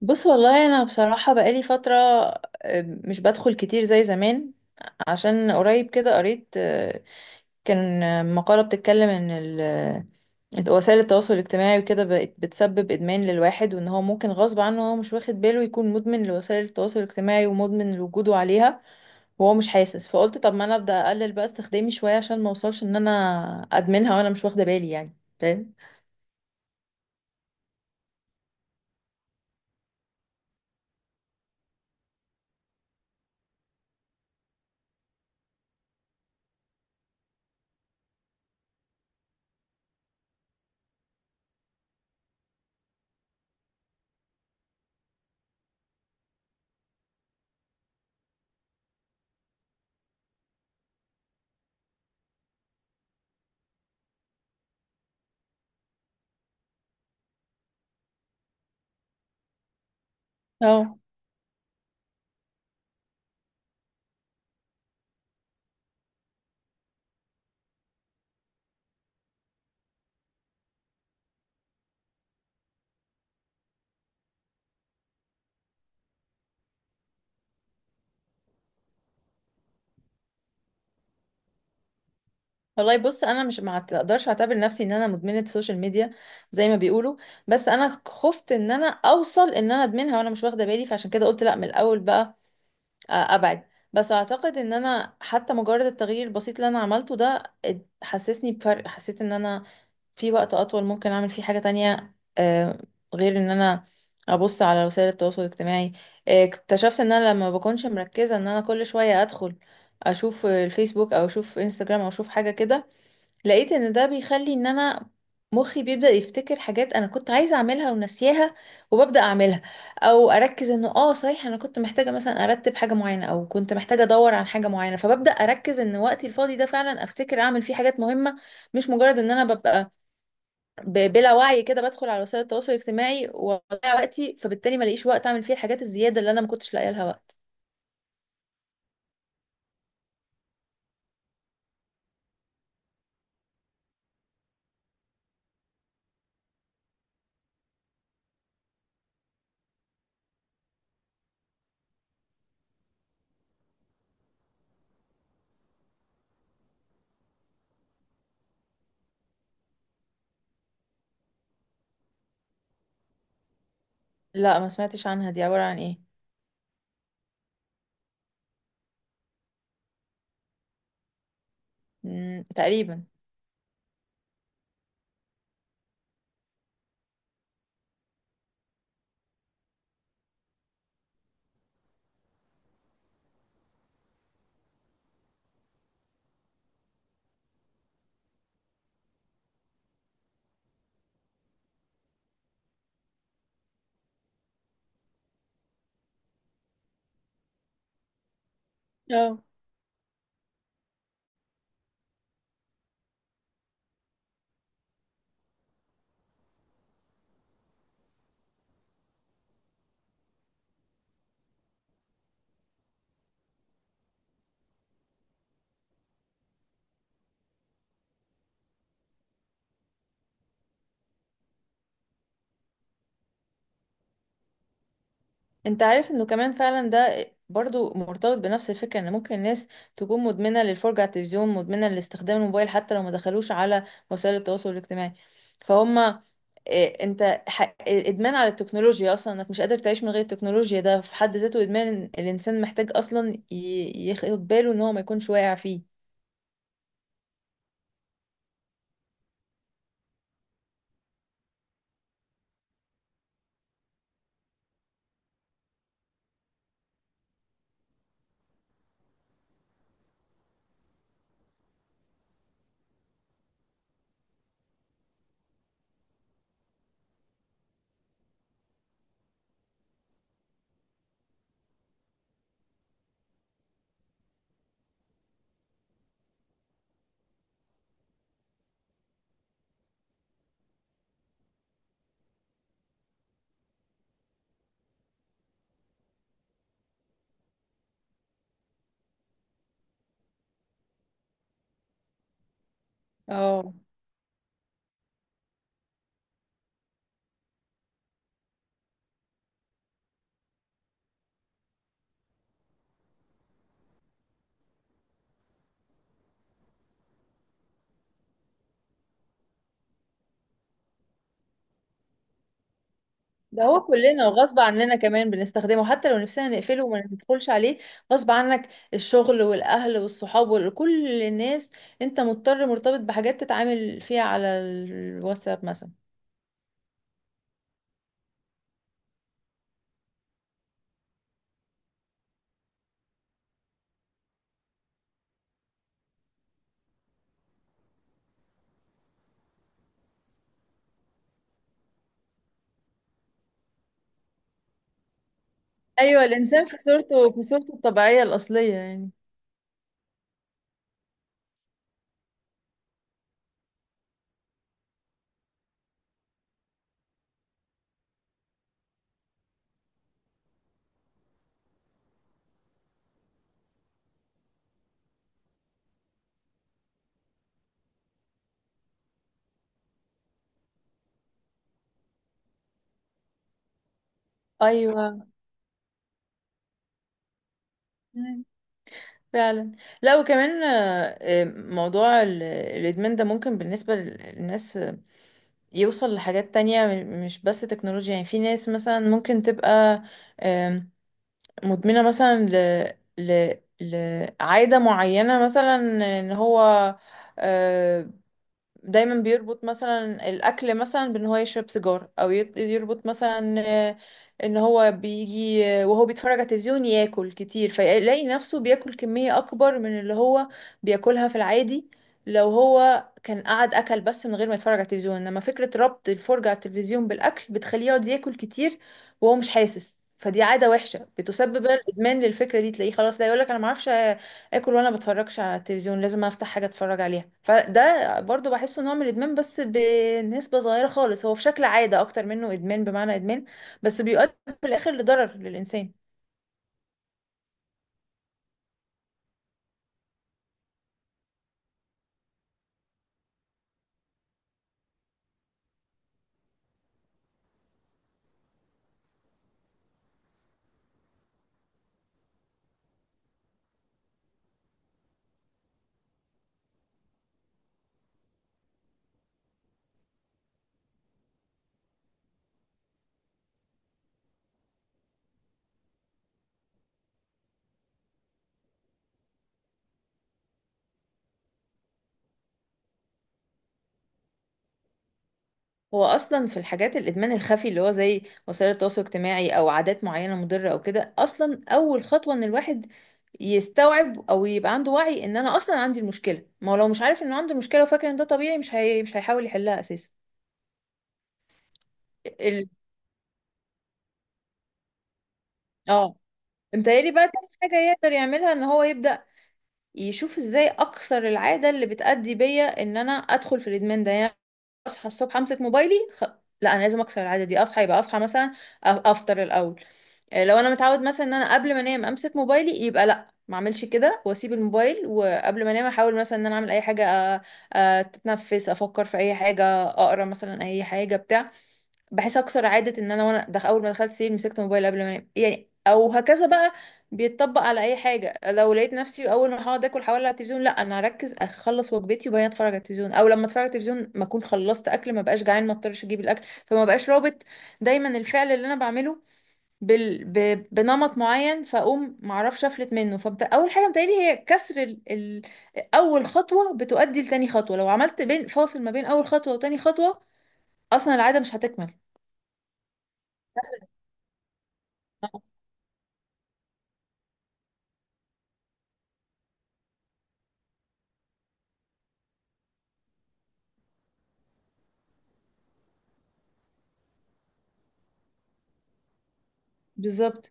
بص والله انا بصراحة بقالي فترة. مش بدخل كتير زي زمان عشان قريب كده قريت، آه، كان آه، مقالة بتتكلم ان وسائل التواصل الاجتماعي وكده بقت بتسبب ادمان للواحد، وان هو ممكن غصب عنه هو مش واخد باله يكون مدمن لوسائل التواصل الاجتماعي ومدمن لوجوده عليها وهو مش حاسس. فقلت طب ما انا ابدا اقلل بقى استخدامي شوية عشان ما اوصلش ان انا ادمنها وانا مش واخدة بالي، يعني فاهم. اه، والله بص انا مش ما اقدرش اعتبر نفسي ان انا مدمنه سوشيال ميديا زي ما بيقولوا، بس انا خفت ان انا اوصل ان انا ادمنها وانا مش واخده بالي، فعشان كده قلت لا من الاول بقى ابعد. بس اعتقد ان انا حتى مجرد التغيير البسيط اللي انا عملته ده حسسني بفرق. حسيت ان انا في وقت اطول ممكن اعمل فيه حاجه تانية غير ان انا ابص على وسائل التواصل الاجتماعي. اكتشفت ان انا لما بكونش مركزه ان انا كل شويه ادخل اشوف الفيسبوك او اشوف انستجرام او اشوف حاجه كده، لقيت ان ده بيخلي ان انا مخي بيبدأ يفتكر حاجات انا كنت عايزة اعملها ونسيها، وببدأ اعملها. او اركز انه اه صحيح انا كنت محتاجة مثلا ارتب حاجة معينة، او كنت محتاجة ادور عن حاجة معينة، فببدأ اركز ان وقتي الفاضي ده فعلا افتكر اعمل فيه حاجات مهمة، مش مجرد ان انا ببقى بلا وعي كده بدخل على وسائل التواصل الاجتماعي واضيع وقتي، فبالتالي ما لاقيش وقت اعمل فيه الحاجات الزيادة اللي انا ما كنتش لاقيه لها وقت. لا ما سمعتش عنها، دي عبارة عن ايه؟ مم، تقريبا. اه، انت عارف انه كمان فعلا ده برضو مرتبط بنفس الفكرة ان ممكن الناس تكون مدمنة للفرجة على التلفزيون، مدمنة لاستخدام الموبايل حتى لو ما دخلوش على وسائل التواصل الاجتماعي. فهم اه، ادمان على التكنولوجيا اصلا، انك مش قادر تعيش من غير التكنولوجيا ده في حد ذاته ادمان. الانسان محتاج اصلا ياخد باله ان هو ما يكونش واقع فيه. اه، ده هو كلنا وغصب عننا كمان بنستخدمه حتى لو نفسنا نقفله وما ندخلش عليه. غصب عنك الشغل والأهل والصحاب وكل الناس، انت مضطر مرتبط بحاجات تتعامل فيها على الواتساب مثلا. ايوه، الانسان في صورته في صورته الطبيعيه الاصليه يعني. ايوه. مم. فعلا. لا وكمان، موضوع الادمان ده ممكن بالنسبه للناس يوصل لحاجات تانية، مش بس تكنولوجيا. يعني في ناس مثلا ممكن تبقى مدمنة مثلا ل... لعادة معينة مثلا، ان هو آه، دايما بيربط مثلا الاكل مثلا بان هو يشرب سيجار، او يربط مثلا ان هو بيجي وهو بيتفرج على التلفزيون ياكل كتير، فيلاقي نفسه بياكل كمية اكبر من اللي هو بياكلها في العادي. لو هو كان قعد اكل بس من غير ما يتفرج على التلفزيون، انما فكرة ربط الفرجة على التلفزيون بالاكل بتخليه يقعد ياكل كتير وهو مش حاسس. فدي عادة وحشة بتسبب بقى الادمان للفكرة دي، تلاقيه خلاص لا يقولك انا ما اعرفش اكل وانا بتفرجش على التلفزيون، لازم افتح حاجه اتفرج عليها. فده برضو بحسه نوع من الادمان بس بنسبه صغيره خالص، هو في شكل عاده اكتر منه ادمان بمعنى ادمان، بس بيؤدي في الاخر لضرر للانسان. هو اصلا في الحاجات الادمان الخفي اللي هو زي وسائل التواصل الاجتماعي او عادات معينه مضره او كده، اصلا اول خطوه ان الواحد يستوعب او يبقى عنده وعي ان انا اصلا عندي المشكله. ما هو لو مش عارف انه عنده مشكله وفاكر ان ده طبيعي، مش هيحاول يحلها اساسا. ال... اه، متهيألي بقى تاني حاجة يقدر يعملها ان هو يبدأ يشوف ازاي اكسر العاده اللي بتأدي بيا ان انا ادخل في الادمان ده. يعني اصحى الصبح امسك موبايلي لا انا لازم اكسر العاده دي. اصحى يبقى اصحى مثلا افطر الاول. لو انا متعود مثلا ان انا قبل ما انام امسك موبايلي، يبقى لا ما اعملش كده واسيب الموبايل، وقبل ما انام احاول مثلا ان انا اعمل اي حاجه اتنفس، افكر في اي حاجه، اقرا مثلا اي حاجه بتاع، بحيث اكسر عاده ان انا اول ما دخلت سرير مسكت موبايل قبل ما انام يعني. او هكذا بقى بيتطبق على اي حاجه، لو لقيت نفسي اول ما هقعد اكل حوالي على التلفزيون، لا انا هركز اخلص وجبتي وبعدين اتفرج على التلفزيون. او لما اتفرج على التلفزيون ما اكون خلصت اكل، ما بقاش جعان، ما اضطرش اجيب الاكل، فما بقاش رابط دايما الفعل اللي انا بعمله بنمط معين فاقوم ما اعرفش افلت منه. اول حاجه بتقالي هي كسر اول خطوه بتؤدي لتاني خطوه. لو عملت بين فاصل ما بين اول خطوه وتاني خطوه، اصلا العاده مش هتكمل. بالظبط.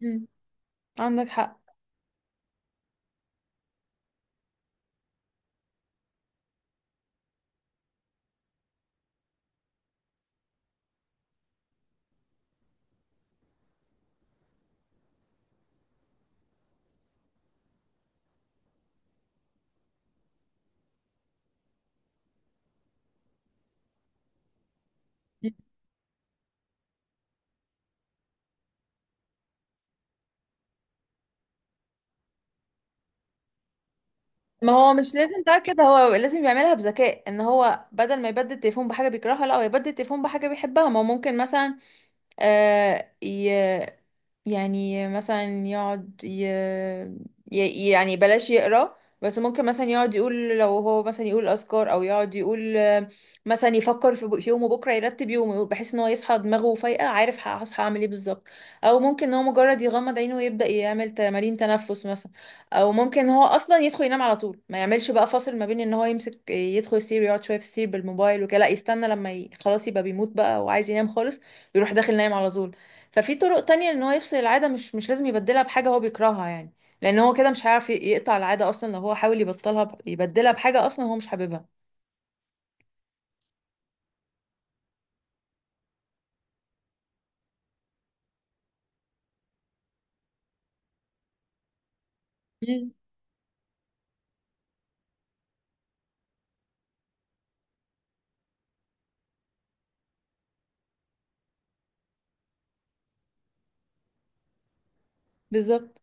مم، عندك حق. مم، ما هو مش لازم بقى كده، هو لازم يعملها بذكاء ان هو بدل ما يبدل التليفون بحاجه بيكرهها، لا هو يبدل التليفون بحاجه بيحبها. ما هو ممكن مثلا آه ي... يعني مثلا يعني بلاش يقرا، بس ممكن مثلا يقعد يقول لو هو مثلا يقول اذكار، او يقعد يقول مثلا يفكر في يومه بكره، يرتب يومه بحيث ان هو يصحى دماغه فايقه عارف هصحى اعمل ايه بالظبط. او ممكن ان هو مجرد يغمض عينه ويبدا يعمل تمارين تنفس مثلا. او ممكن إن هو اصلا يدخل ينام على طول، ما يعملش بقى فاصل ما بين ان هو يمسك يدخل يسير يقعد شويه في السرير بالموبايل وكده، لا يستنى لما خلاص يبقى بيموت بقى وعايز ينام خالص يروح داخل نايم على طول. ففي طرق تانية ان هو يفصل العادة، مش لازم يبدلها بحاجة هو بيكرهها يعني، لان هو كده مش هيعرف يقطع العادة اصلا. لو هو حاول يبطلها يبدلها بحاجة اصلا هو مش حاببها. امم، بالظبط.